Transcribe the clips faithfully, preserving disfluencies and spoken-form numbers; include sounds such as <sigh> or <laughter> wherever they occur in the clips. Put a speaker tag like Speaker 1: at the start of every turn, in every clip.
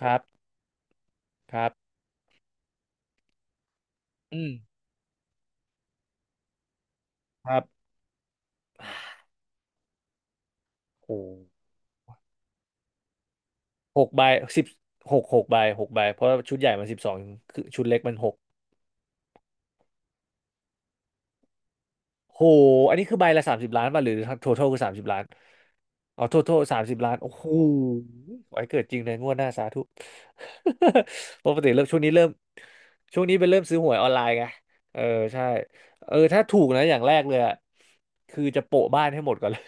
Speaker 1: ครับ ครับอืมครับโอ้หหกใบสิบหกหกใบหกใบเพราะว่าชุดใหญ่มันสิบสองคือชุดเล็กมันหก โหอันนี้คือใบละสามสิบล้านป่ะหรือทั้ง total คือสามสิบล้าน อ๋อ total สามสิบล้าน โอ้โหไว้เกิดจริงในงวดหน้าสาธุ <laughs> ปกติเริ่มช่วงนี้เริ่มช่วงนี้เป็นเริ่มซื้อหวยออนไลน์ไง เออใช่เออถ้าถูกนะอย่างแรกเลยอะคือจะโปะบ้านให้หมดก่อนเลย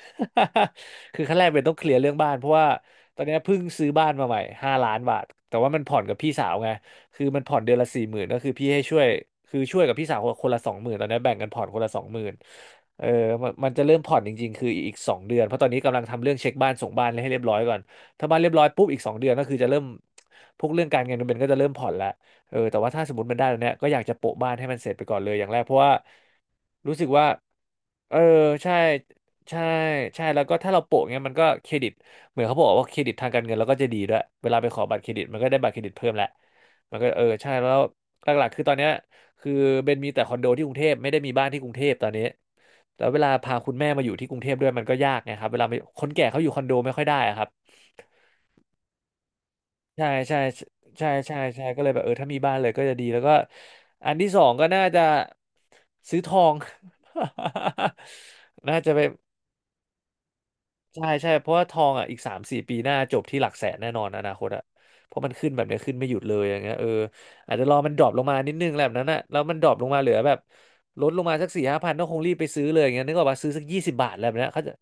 Speaker 1: <laughs> คือขั้นแรกเป็นต้องเคลียร์เรื่องบ้านเพราะว่าตอนนี้เพิ่งซื้อบ้านมาใหม่ห้าล้านบาทแต่ว่ามันผ่อนกับพี่สาวไง คือมันผ่อนเดือนละสี่หมื่นก็คือพี่ให้ช่วยคือช่วยกับพี่สาวคนละสองหมื่นตอนนี้แบ่งกันผ่อนคนละสองหมื่นเออมันมันจะเริ่มผ่อนจริงๆคืออีกสองเดือนเพราะตอนนี้กำลังทำเรื่องเช็คบ้านส่งบ้านให้เรียบร้อยก่อนถ้าบ้านเรียบร้อยปุ๊บอีกสองเดือนก็คือจะเริ่มพวกเรื่องการเงินมันก็จะเริ่มผ่อนแล้วเออแต่ว่าถ้าสมมติมันได้แล้วเนี่ยก็อยากจะโปะบ้านให้มันเสร็จไปก่อนเลยอย่างแรกเพราะว่ารู้สึกว่าเออใช่ใช่ใช่แล้วก็ถ้าเราโปะเงี้ยมันก็เครดิตเหมือนเขาบอกว่าเครดิตทางการเงินเราก็จะดีด้วยเวลาไปขอบัตรเครดิตมันก็ได้บัตรเครดิตเพิ่มแหละ มันก็เออใช่แล้วหลักๆคือตอนเนี้ยคือเบนมีแต่คอนโดที่กรุงเทพไม่ได้มีบ้านที่กรุงเทพตอนนี้แล้วเวลาพาคุณแม่มาอยู่ที่กรุงเทพด้วยมันก็ยากไงครับเวลาไปคนแก่เขาอยู่คอนโดไม่ค่อยได้อะครับใช่ใช่ใช่ใช่ใช่ก็เลยแบบเออถ้ามีบ้านเลยก็จะดีแล้วก็อันที่สองก็น่าจะซื้อทอง <laughs> น่าจะไป ใช่ใช่เพราะว่าทองอ่ะอีกสามสี่ปีหน้าจบที่หลักแสนแน่นอนอนาคตอ่ะเพราะมันขึ้นแบบเนี้ยขึ้นไม่หยุดเลยอย่างเงี้ยเอออาจจะรอมันดรอปลงมานิดนึงแหละแบบนั้นอ่ะแล้วมันดรอปลงมาเหลือแบบลดลงมาสักสี่ห้าพันก็คงรีบไปซื้อเลยอย่างเงี้ยนึกออกป่ะซื้อสักยี่สิบบาทอะไรแบบเนี้ยเขาจะ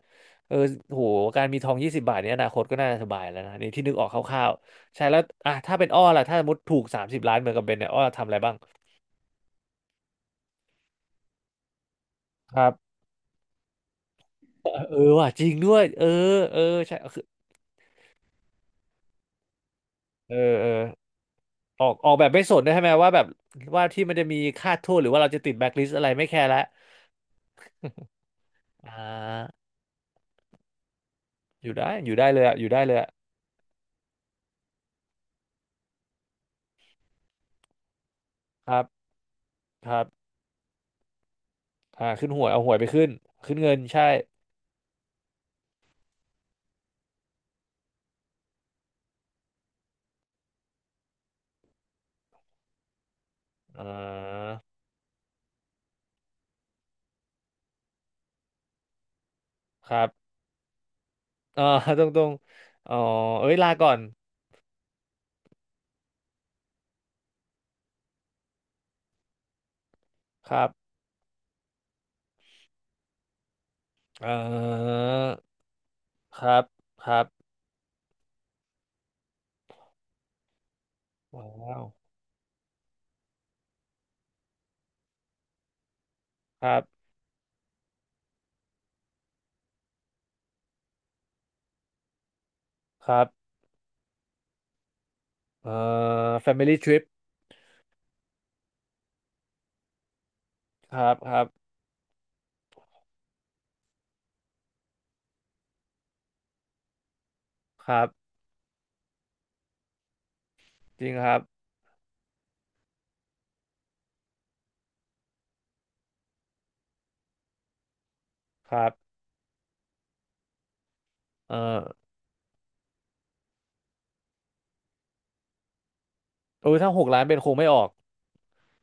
Speaker 1: เออโหการมีทองยี่สิบบาทเนี้ยอนาคตก็น่าสบายแล้วนะนี่ที่นึกออกคร่าวๆใช่แล้วอ่ะถ้าเป็นอ้อล่ะถ้าสมมติถูกสามสิบล้านเหมือนกับเบนเนี่ยอ้อทำอะไรบ้างครับเออว่ะจริงด้วยเออเออใช่คือเออเออ ออกออกแบบไม่สนด้วยใช่ไหมว่าแบบว่าที่มันจะมีค่าโทษหรือว่าเราจะติดแบ็คลิสต์อะไรไม่แคร์ละอ่าอยู่ได้อยู่ได้เลยอะอยู่ได้เลยอะครับครับอ่าขึ้นหวยเอาหวยไปขึ้นขึ้นเงินใช่อ่าครับอ่า <laughs> ตรงตรงอ๋อเอ้ยลาก่อนครับอ่าครับครับว้าวครับครับเอ่อ family trip ครับครับครับจริงครับครับเอ่อโอ้ยถ้าหกล้านเป็นคงไม่ออก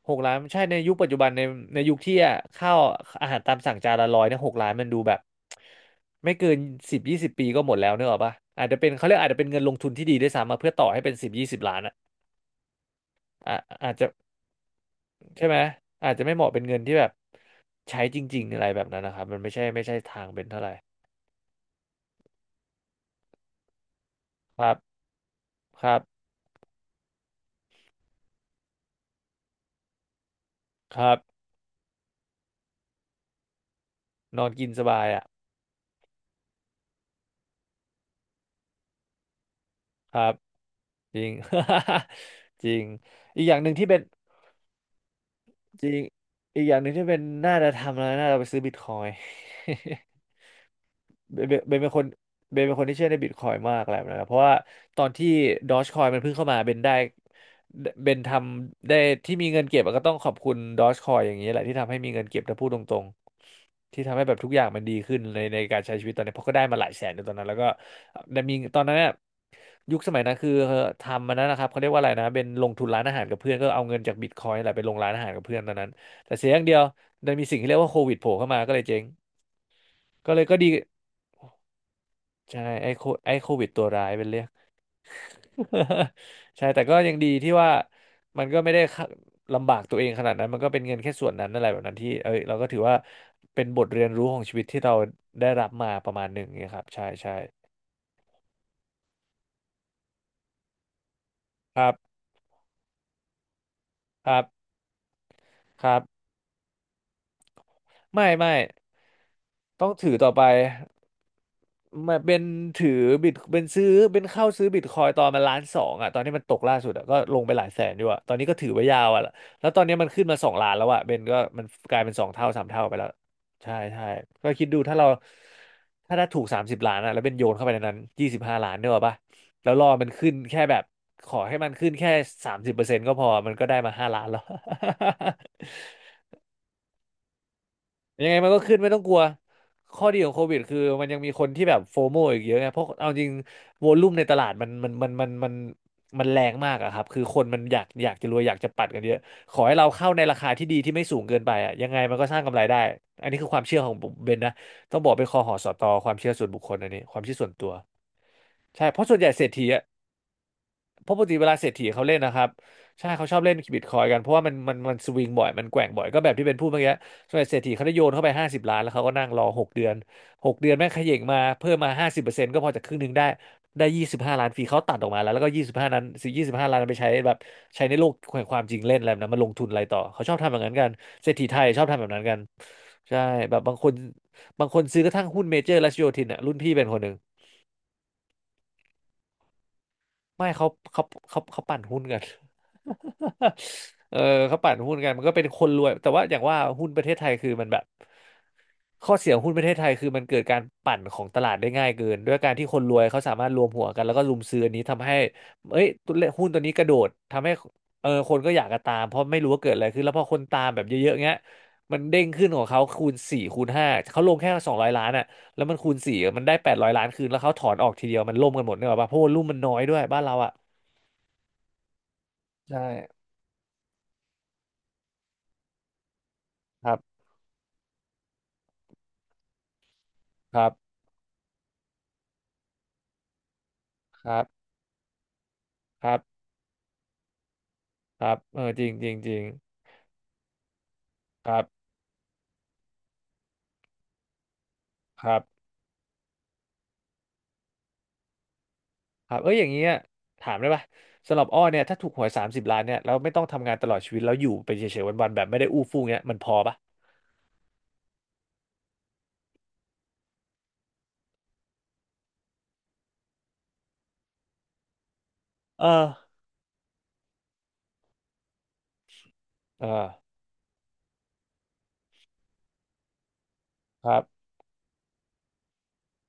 Speaker 1: หกล้านใช่ในยุคปัจจุบันในในยุคที่อะข้าวอาหารตามสั่งจานละร้อยเนี่ยหกล้านมันดูแบบไม่เกินสิบยี่สิบปีก็หมดแล้วเนกอะป่ะอาจจะเป็นเขาเรียกอาจจะเป็นเงินลงทุนที่ดีด้วยซ้ำมาเพื่อต่อให้เป็นสิบยี่สิบล้านอะอ่ะอาจจะใช่ไหมอาจจะไม่เหมาะเป็นเงินที่แบบใช้จริงๆอะไรแบบนั้นนะครับมันไม่ใช่ไม่ใช่ทางเป็นเท่าไหร่ครับครับครับนอนกินสบายอ่ะครับจริง <laughs> จริงอีกอย่างหนึ่งที่เป็น จริง อีกอย่างหนึ่งที่เป็นน่าจะทำแล้วน่าจะไปซื้อบิตคอยน์ <laughs> เบนเบนเบนเป็นคนเบนเป็นคนที่เชื่อในบิตคอยมากอะไรแบบนั้นนะเพราะว่าตอนที่ดอ g จคอยมันเพิ่งเข้ามาเบนได้เบนทำได้ที่มีเงินเก็บอะก็ต้องขอบคุณดอ g จคอยอย่างนี้แหละที่ทำให้มีเงินเก็บถ้าพูดตรงๆที่ทำให้แบบทุกอย่างมันดีขึ้นในในการใช้ชีวิตตอนนี้เพราะก็ได้มาหลายแสนในตอนนั้นแล้วก็ได้มีตอนนั้นน่ะยุคสมัยนั้นคือทำมันนั้นนะครับเขาเรียกว่าอะไรนะเป็นลงทุนร้านอาหารกับเพื่อนก็เอาเงินจากบิตคอยนแหละไปลงร้านอาหารกับเพื่อนตอนนั้นแต่เสียอย่างเดียวมันมีสิ่งที่เรียกว่าโควิดโผล่เข้ามาก็เลยเจ๊งก็เลยก็ดี ใช่ไอ้โคไอ้โควิดตัวร้ายเป็นเรียก <laughs> ใช่แต่ก็ยังดีที่ว่ามันก็ไม่ได้ขะลำบากตัวเองขนาดนั้นมันก็เป็นเงินแค่ส่วนนั้นอะไรแบบนั้นที่เอ้ยเราก็ถือว่าเป็นบทเรียนรู้ของชีวิตที่เราได้รับมาประมาณหนึ่งเนยครับใช่ใช่ครับครับครับ ไม่ไม่ต้องถือต่อไปมาเป็นถือบิตเป็นซื้อเป็นเข้าซื้อบิตคอยตอนมันล้านสองอ่ะตอนนี้มันตกล่าสุดอ่ะก็ลงไปหลายแสนอยู่อ่ะตอนนี้ก็ถือไว้ยาวอ่ะแล้วตอนนี้มันขึ้นมาสองล้านแล้วอ่ะเบนก็มันกลายเป็นสองเท่าสามเท่าไปแล้วใช่ใช่ก็คิดดูถ้าเราถ้าได้ถูกสามสิบล้านอ่ะแล้วเป็นโยนเข้าไปในนั้นยี่สิบห้าล้านเนี่ยหรอปะแล้วรอมันขึ้นแค่แบบขอให้มันขึ้นแค่สามสิบเปอร์เซ็นต์ก็พอมันก็ได้มาห้าล้านแล้ว ยังไงมันก็ขึ้นไม่ต้องกลัวข้อดีของโควิดคือมันยังมีคนที่แบบโฟโมอีกเยอะไง เพราะเอาจริงวอลลุ่มในตลาดมันมันมันมันมันมันแรงมากอะครับ คือคนมันอยากอยากจะรวยอยากจะปัดกันเยอะขอให้เราเข้าในราคาที่ดีที่ไม่สูงเกินไปอะยังไงมันก็สร้างกำไรได้ อันนี้คือความเชื่อของผมเบนนะ ต้องบอกเป็นคอหอสอตอความเชื่อส่วนบุคคลอันนี้ความเชื่อส่วนตัวใช่เพราะส่วนใหญ่เศรษฐีอะ เพราะปกติเวลาเศรษฐีเขาเล่นนะครับใช่เขาชอบเล่นบิตคอยกันเพราะว่ามันมันมันสวิงบ่อยมันแกว่งบ่อยก็แบบที่เป็นพูดเมื่อกี้ส่วนใหญ่เศรษฐีเขาได้โยนเข้าไปห้าสิบล้านแล้วเขาก็นั่งรอหกเดือนหกเดือนแม่งเขย่งมาเพิ่มมาห้าสิบเปอร์เซ็นต์ก็พอจากครึ่งหนึ่งได้ได้ยี่สิบห้าล้านฟรีเขาตัดออกมาแล้วแล้วก็ยี่สิบห้านั้นยี่สิบห้าล้านนั้นไปใช้แบบใช้ในโลกแห่งความจริงเล่นอะไรแบบนั้นมาลงทุนอะไรต่อเขาชอบทำแบบนั้นกันเศรษฐีไทยชอบทำแบบนั้นกันใช่แบบบางคนบางคนซื้อกระทั่งหุ้นเมเจอร์และโยธินอ่ะรุ่นพี่เป็นคนหนึ่ง ไม่เขาเขาเขาเขาปั่นหุ้นกัน <laughs> เออเขาปั่นหุ้นกันมันก็เป็นคนรวยแต่ว่าอย่างว่าหุ้นประเทศไทยคือมันแบบข้อเสียของหุ้นประเทศไทยคือมันเกิดการปั่นของตลาดได้ง่ายเกินด้วยการที่คนรวยเขาสามารถรวมหัวกันแล้วก็รุมซื้ออันนี้ทำให้เอ้ยตัวเลขหุ้นตัวนี้กระโดดทำให้เออคนก็อยากจะตามเพราะไม่รู้ว่าเกิดอะไรขึ้นแล้วพอคนตามแบบเยอะๆเงี้ยมันเด้งขึ้นของเขาคูณสี่คูณห้าเขาลงแค่สองร้อยล้านอ่ะ แล้วมันคูณสี่มันได้แปดร้อยล้านคืนแล้วเขาถอนออกทีเดียวมันล่มกันหมดเนกอะป่ะเพราะว่ารุ่มมันน้อยด้วยบ้านเราอ่ะใช่ครับครับครับครับครับเออจริงจริงจริงครับครับครับเอ้ยอย่างเงี้ยถามได้ป่ะสำหรับอ้อเนี่ยถ้าถูกหวยสามสิบล้านเนี่ยแล้วไม่ต้องทำงานตลอดชีวิตแล้วอยู่ไปเฉยๆวันๆแบบไม่ได้อู้ฟู่เงี้ยมันพอป่ะเออเออครับ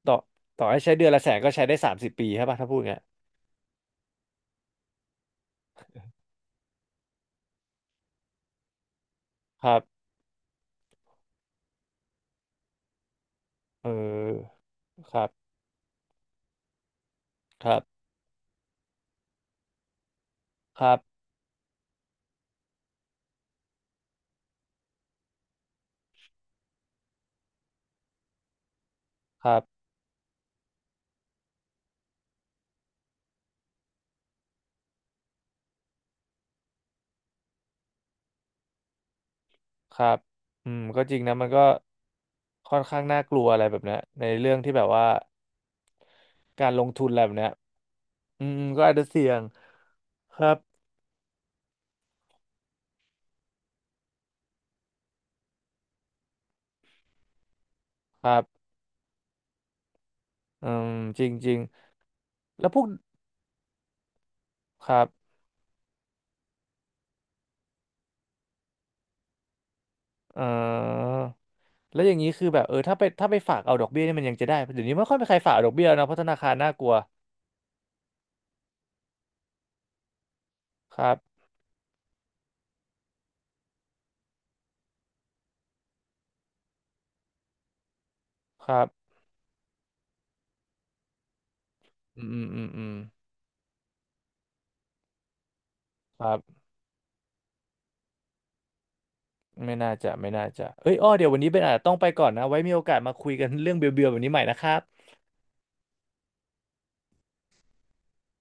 Speaker 1: ต่อต่อให้ใช้เดือนละแสนก็ใช้ได้สามสิบปีใช่ป่ะถ้าพูดเงี้ยครับเออครับครับครับครับ ครับอืมก็จริงนะมันก็ค่อนข้างน่ากลัวอะไรแบบเนี้ยในเรื่องที่แบบว่าการลงทุนอะไรแบบเนี้ยอืมก็อาจจะเสี่ยง ครับครับอืมจริงจริงแล้วพวกครับเอ่อแล้วอย่างนี้คือแบบเออถ้าไปถ้าไปฝากเอาดอกเบี้ยนี่มันยังจะได้เดี๋ยวนี้ไม่ค่อยมีใครฝากเอาดอกเบี้ยแล้วนะเพราะธนาคารน่ากลัวครับครับอืมอืมอืมอืมครับไม่น่าจะไม่น่าจะเอ้ยอ้อเดี๋ยววันนี้เป็นอาจจะต้องไปก่อนนะไว้มีโอกาสมาคุยกันเรื่องเบียวๆแบบนี้ใหม่นะครับ